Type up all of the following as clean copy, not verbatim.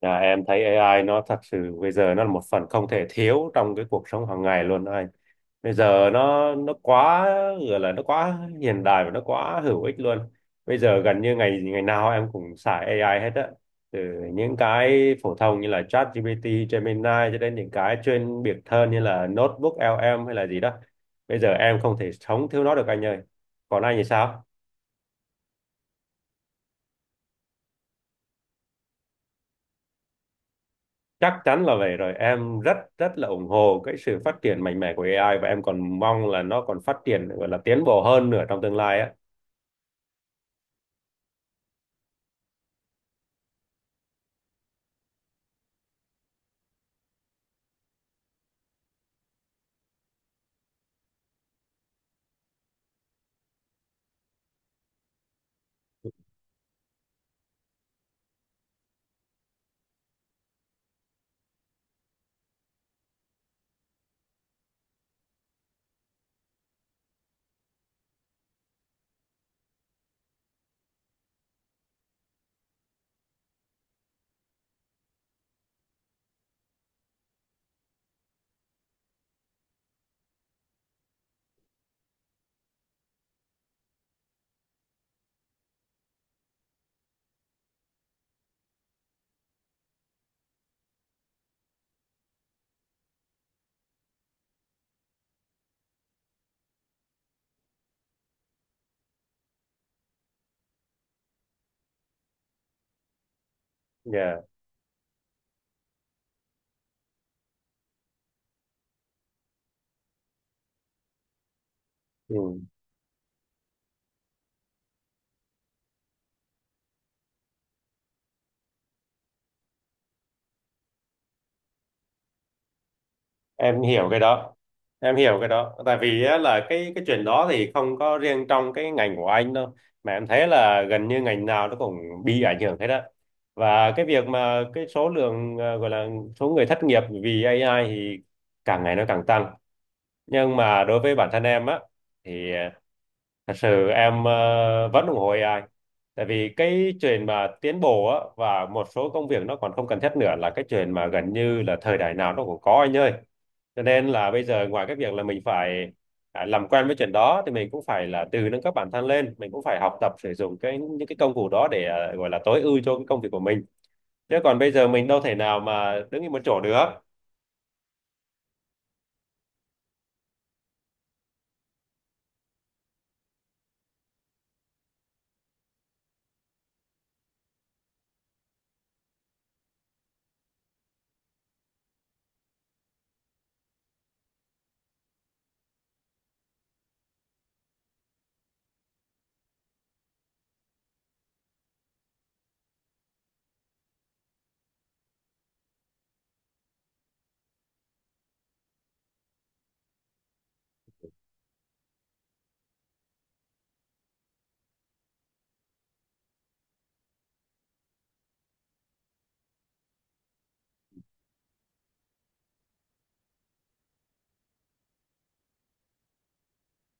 Là em thấy AI nó thật sự bây giờ nó là một phần không thể thiếu trong cái cuộc sống hàng ngày luôn đó anh. Bây giờ nó quá, gọi là nó quá hiện đại và nó quá hữu ích luôn. Bây giờ gần như ngày ngày nào em cũng xài AI hết á. Từ những cái phổ thông như là ChatGPT, Gemini, cho đến những cái chuyên biệt hơn như là Notebook LM hay là gì đó. Bây giờ em không thể sống thiếu nó được anh ơi. Còn anh thì sao? Chắc chắn là vậy rồi. Em rất rất là ủng hộ cái sự phát triển mạnh mẽ của AI và em còn mong là nó còn phát triển, gọi là tiến bộ hơn nữa trong tương lai á. Yeah. Ừ. Em hiểu cái đó. Em hiểu cái đó. Tại vì á, là cái chuyện đó thì không có riêng trong cái ngành của anh đâu. Mà em thấy là gần như ngành nào nó cũng bị ảnh hưởng hết á. Và cái việc mà cái số lượng, gọi là số người thất nghiệp vì AI thì càng ngày nó càng tăng, nhưng mà đối với bản thân em á thì thật sự em vẫn ủng hộ AI, tại vì cái chuyện mà tiến bộ á và một số công việc nó còn không cần thiết nữa là cái chuyện mà gần như là thời đại nào nó cũng có anh ơi, cho nên là bây giờ ngoài cái việc là mình phải làm quen với chuyện đó thì mình cũng phải là tự nâng cấp bản thân lên, mình cũng phải học tập sử dụng cái những cái công cụ đó để gọi là tối ưu cho cái công việc của mình, chứ còn bây giờ mình đâu thể nào mà đứng im một chỗ được.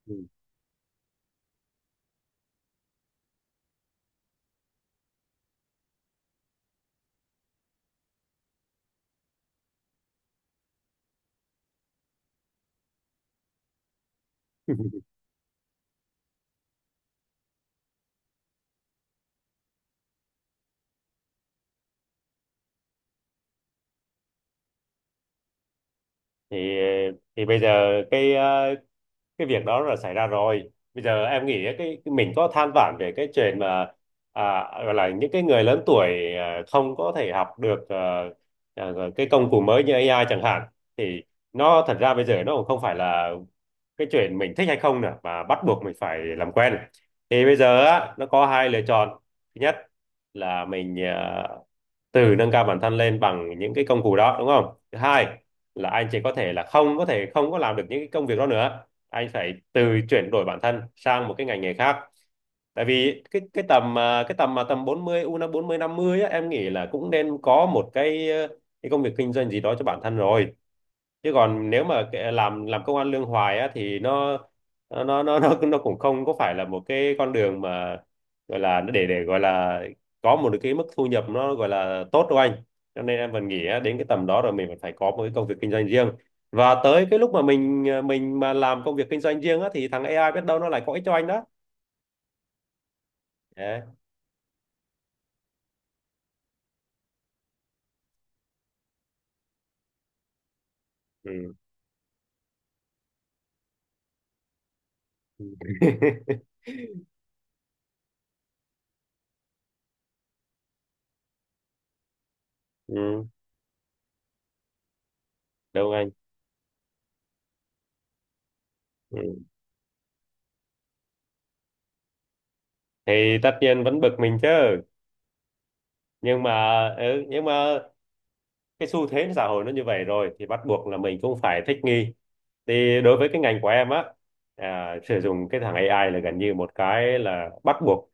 Ừ. thì thì bây giờ cái việc đó là xảy ra rồi, bây giờ em nghĩ cái mình có than vãn về cái chuyện mà gọi là những cái người lớn tuổi không có thể học được à, cái công cụ mới như AI chẳng hạn, thì nó thật ra bây giờ nó cũng không phải là cái chuyện mình thích hay không nữa mà bắt buộc mình phải làm quen. Thì bây giờ á, nó có hai lựa chọn. Thứ nhất là mình, từ nâng cao bản thân lên bằng những cái công cụ đó đúng không. Thứ hai là anh chỉ có thể là không có thể, không có làm được những cái công việc đó nữa, anh phải từ chuyển đổi bản thân sang một cái ngành nghề khác. Tại vì cái tầm, à, cái tầm mà tầm 40 u 40 50 á, em nghĩ là cũng nên có một cái công việc kinh doanh gì đó cho bản thân rồi, chứ còn nếu mà kệ- làm công ăn lương hoài á thì nó cũng không có phải là một cái con đường mà, gọi là nó để gọi là có một cái mức thu nhập nó gọi là tốt đâu anh. Cho nên em vẫn nghĩ á, đến cái tầm đó rồi mình vẫn phải có một cái công việc kinh doanh riêng, và tới cái lúc mà mình, mình mà làm công việc kinh doanh riêng á thì thằng AI biết đâu nó lại có ích cho anh đó. Đấy. Ừ. Ừ. Đúng anh. Ừ. Thì tất nhiên vẫn bực mình chứ, nhưng mà ừ, nhưng mà cái xu thế xã hội nó như vậy rồi thì bắt buộc là mình cũng phải thích nghi. Thì đối với cái ngành của em á, sử dụng cái thằng AI là gần như một cái là bắt buộc.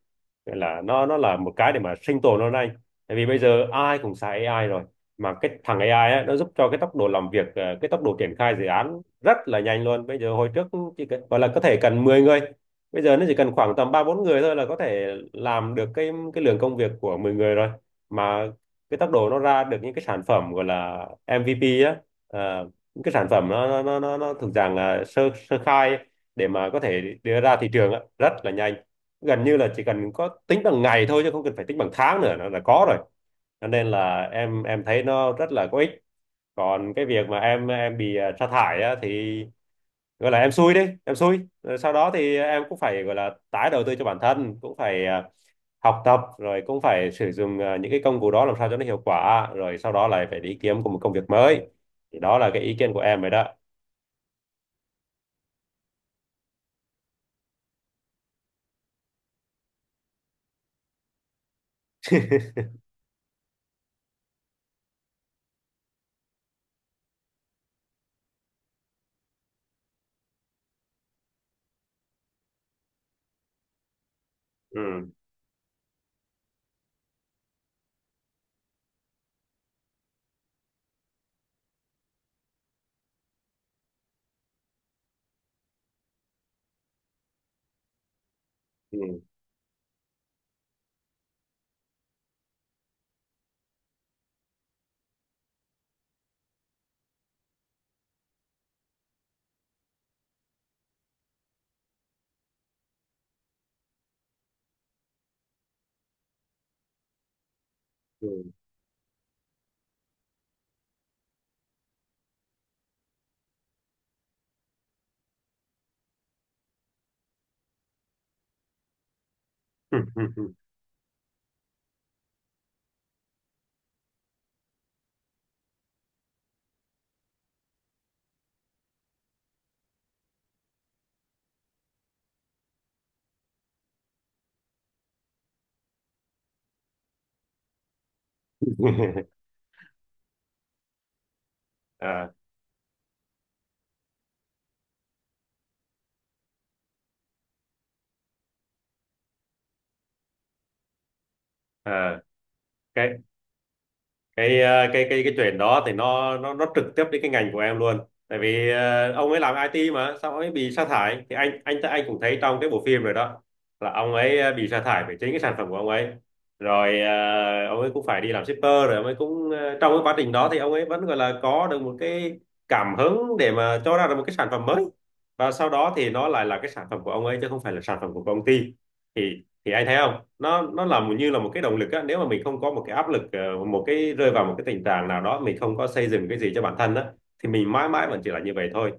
Nghĩa là nó là một cái để mà sinh tồn hôm nay, tại vì bây giờ ai cũng xài AI rồi, mà cái thằng AI á, nó giúp cho cái tốc độ làm việc, cái tốc độ triển khai dự án rất là nhanh luôn. Bây giờ hồi trước chỉ cần, gọi là có thể cần 10 người, bây giờ nó chỉ cần khoảng tầm ba bốn người thôi là có thể làm được cái lượng công việc của 10 người rồi. Mà cái tốc độ nó ra được những cái sản phẩm gọi là MVP á, à, những cái sản phẩm nó thuộc dạng là sơ sơ khai ấy, để mà có thể đưa ra thị trường á, rất là nhanh, gần như là chỉ cần có tính bằng ngày thôi chứ không cần phải tính bằng tháng nữa nó là có rồi. Cho nên là em thấy nó rất là có ích. Còn cái việc mà em bị sa thải á, thì gọi là em xui đi em xui. Rồi sau đó thì em cũng phải gọi là tái đầu tư cho bản thân, cũng phải học tập, rồi cũng phải sử dụng những cái công cụ đó làm sao cho nó hiệu quả, rồi sau đó lại phải đi kiếm một công việc mới. Thì đó là cái ý kiến của em vậy đó. Ừ. Ừ. Ừ. À, à. Cái ờ, cái chuyện đó thì nó trực tiếp đến cái ngành của em luôn. Tại vì ông ấy làm IT mà sao ông ấy bị sa thải thì anh cũng thấy trong cái bộ phim rồi đó, là ông ấy bị sa thải về chính cái sản phẩm của ông ấy. Rồi ông ấy cũng phải đi làm shipper, rồi ông ấy cũng trong cái quá trình đó thì ông ấy vẫn gọi là có được một cái cảm hứng để mà cho ra được một cái sản phẩm mới. Và sau đó thì nó lại là cái sản phẩm của ông ấy chứ không phải là sản phẩm của công ty. Thì anh thấy không, nó nó là một- như là một cái động lực á. Nếu mà mình không có một cái áp lực, một cái rơi vào một cái tình trạng nào đó mình không có xây dựng cái gì cho bản thân á, thì mình mãi mãi vẫn chỉ là như vậy thôi.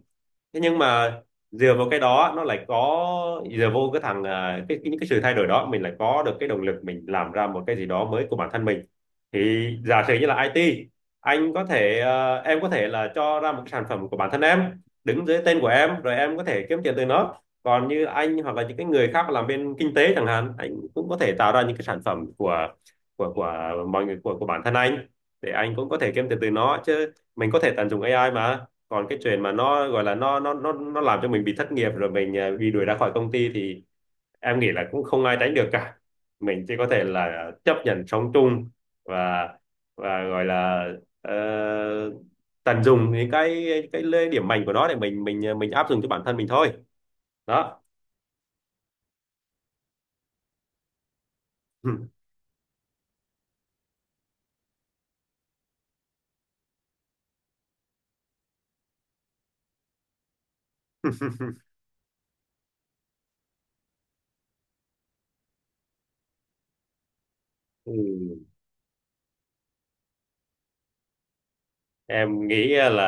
Thế nhưng mà dựa vào cái đó nó lại có, dựa vô cái thằng à, cái những cái sự thay đổi đó, mình lại có được cái động lực, mình làm ra một cái gì đó mới của bản thân mình. Thì giả sử như là IT, anh có thể ờ, em có thể là cho ra một cái sản phẩm của bản thân em, đứng dưới tên của em, rồi em có thể kiếm tiền từ nó. Còn như anh, hoặc là những cái người khác làm bên kinh tế chẳng hạn, anh cũng có thể tạo ra những cái sản phẩm của mọi người, của bản thân anh, để anh cũng có thể kiếm tiền từ nó, chứ mình có thể tận dụng AI mà. Còn cái chuyện mà nó gọi là nó làm cho mình bị thất nghiệp, rồi mình bị đuổi ra khỏi công ty thì em nghĩ là cũng không ai tránh được cả. Mình chỉ có thể là chấp nhận sống chung và và gọi là ờ, tận dụng những cái lợi điểm mạnh của nó để mình áp dụng cho bản thân mình thôi. Đó. Ừ. em nghĩ là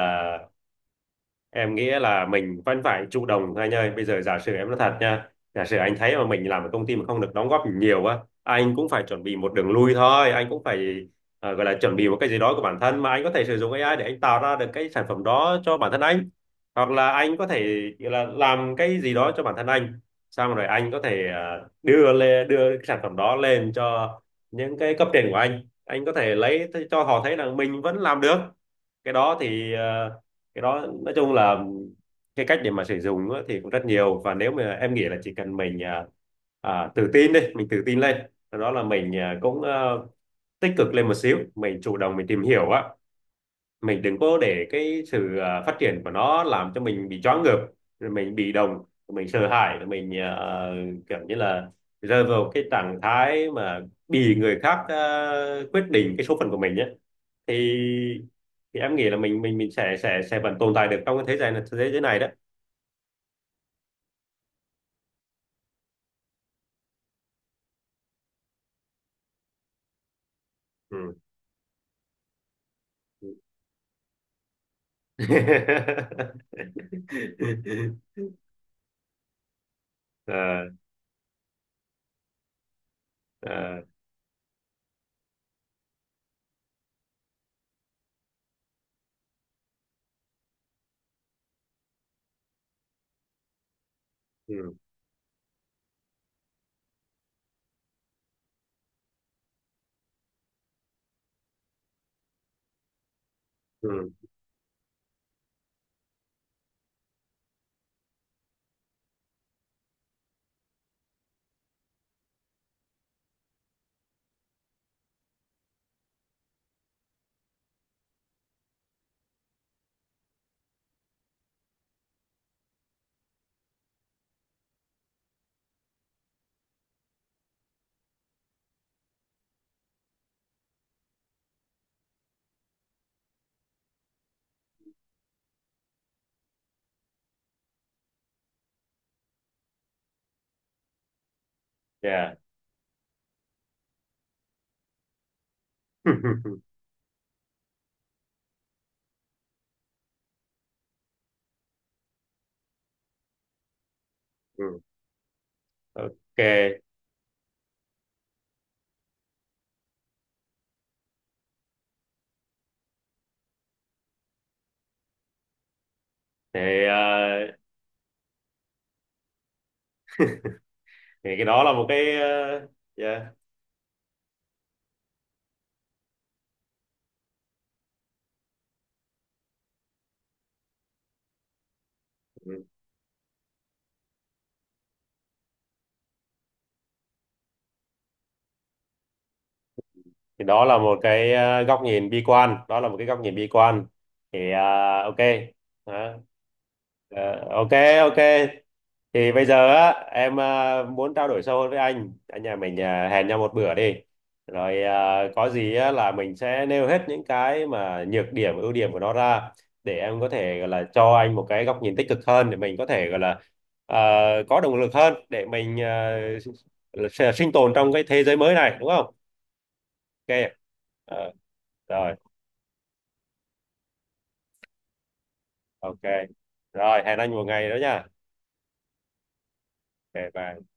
em nghĩ là mình vẫn phải chủ động thôi anh ơi. Bây giờ giả sử em nói thật nha, giả sử anh thấy mà mình làm ở công ty mà không được đóng góp nhiều á, anh cũng phải chuẩn bị một đường lui thôi. Anh cũng phải gọi là chuẩn bị một cái gì đó của bản thân mà anh có thể sử dụng AI để anh tạo ra được cái sản phẩm đó cho bản thân anh, hoặc là anh có thể gọi là làm cái gì đó cho bản thân anh, xong rồi anh có thể đưa cái sản phẩm đó lên cho những cái cấp trên của anh. Anh có thể lấy cho họ thấy là mình vẫn làm được. Cái đó thì cái đó nói chung là cái cách để mà sử dụng á, thì cũng rất nhiều, và nếu mà em nghĩ là chỉ cần mình, tự tin đi, mình tự tin lên. Sau đó là mình cũng tích cực lên một xíu, mình chủ động mình tìm hiểu á, mình đừng có để cái sự phát triển của nó làm cho mình bị choáng ngợp rồi mình bị động, mình sợ hãi, rồi mình kiểu như là rơi vào cái trạng thái mà bị người khác quyết định cái số phận của mình nhé. Thì em nghĩ là mình sẽ vẫn tồn tại được trong cái thế giới này, đó. Ừ. À, à, ừ, ừ, yeah. Ừ. OK. Thì, à, thì cái đó là một cái yeah. Ừ. Thì đó là một cái, góc nhìn bi quan, đó là một cái góc nhìn bi quan. Thì OK. Đó. Ờ, OK. OK. Thì bây giờ á, em muốn trao đổi sâu hơn với anh nhà mình, hẹn nhau một bữa đi. Rồi có gì á, là mình sẽ nêu hết những cái mà nhược điểm, ưu điểm của nó ra, để em có thể gọi là cho anh một cái góc nhìn tích cực hơn, để mình có thể gọi là à, có động lực hơn để mình sinh tồn trong cái thế giới mới này, đúng không. OK. Ờ, rồi. OK. Rồi hẹn anh một ngày đó nha. OK, bye.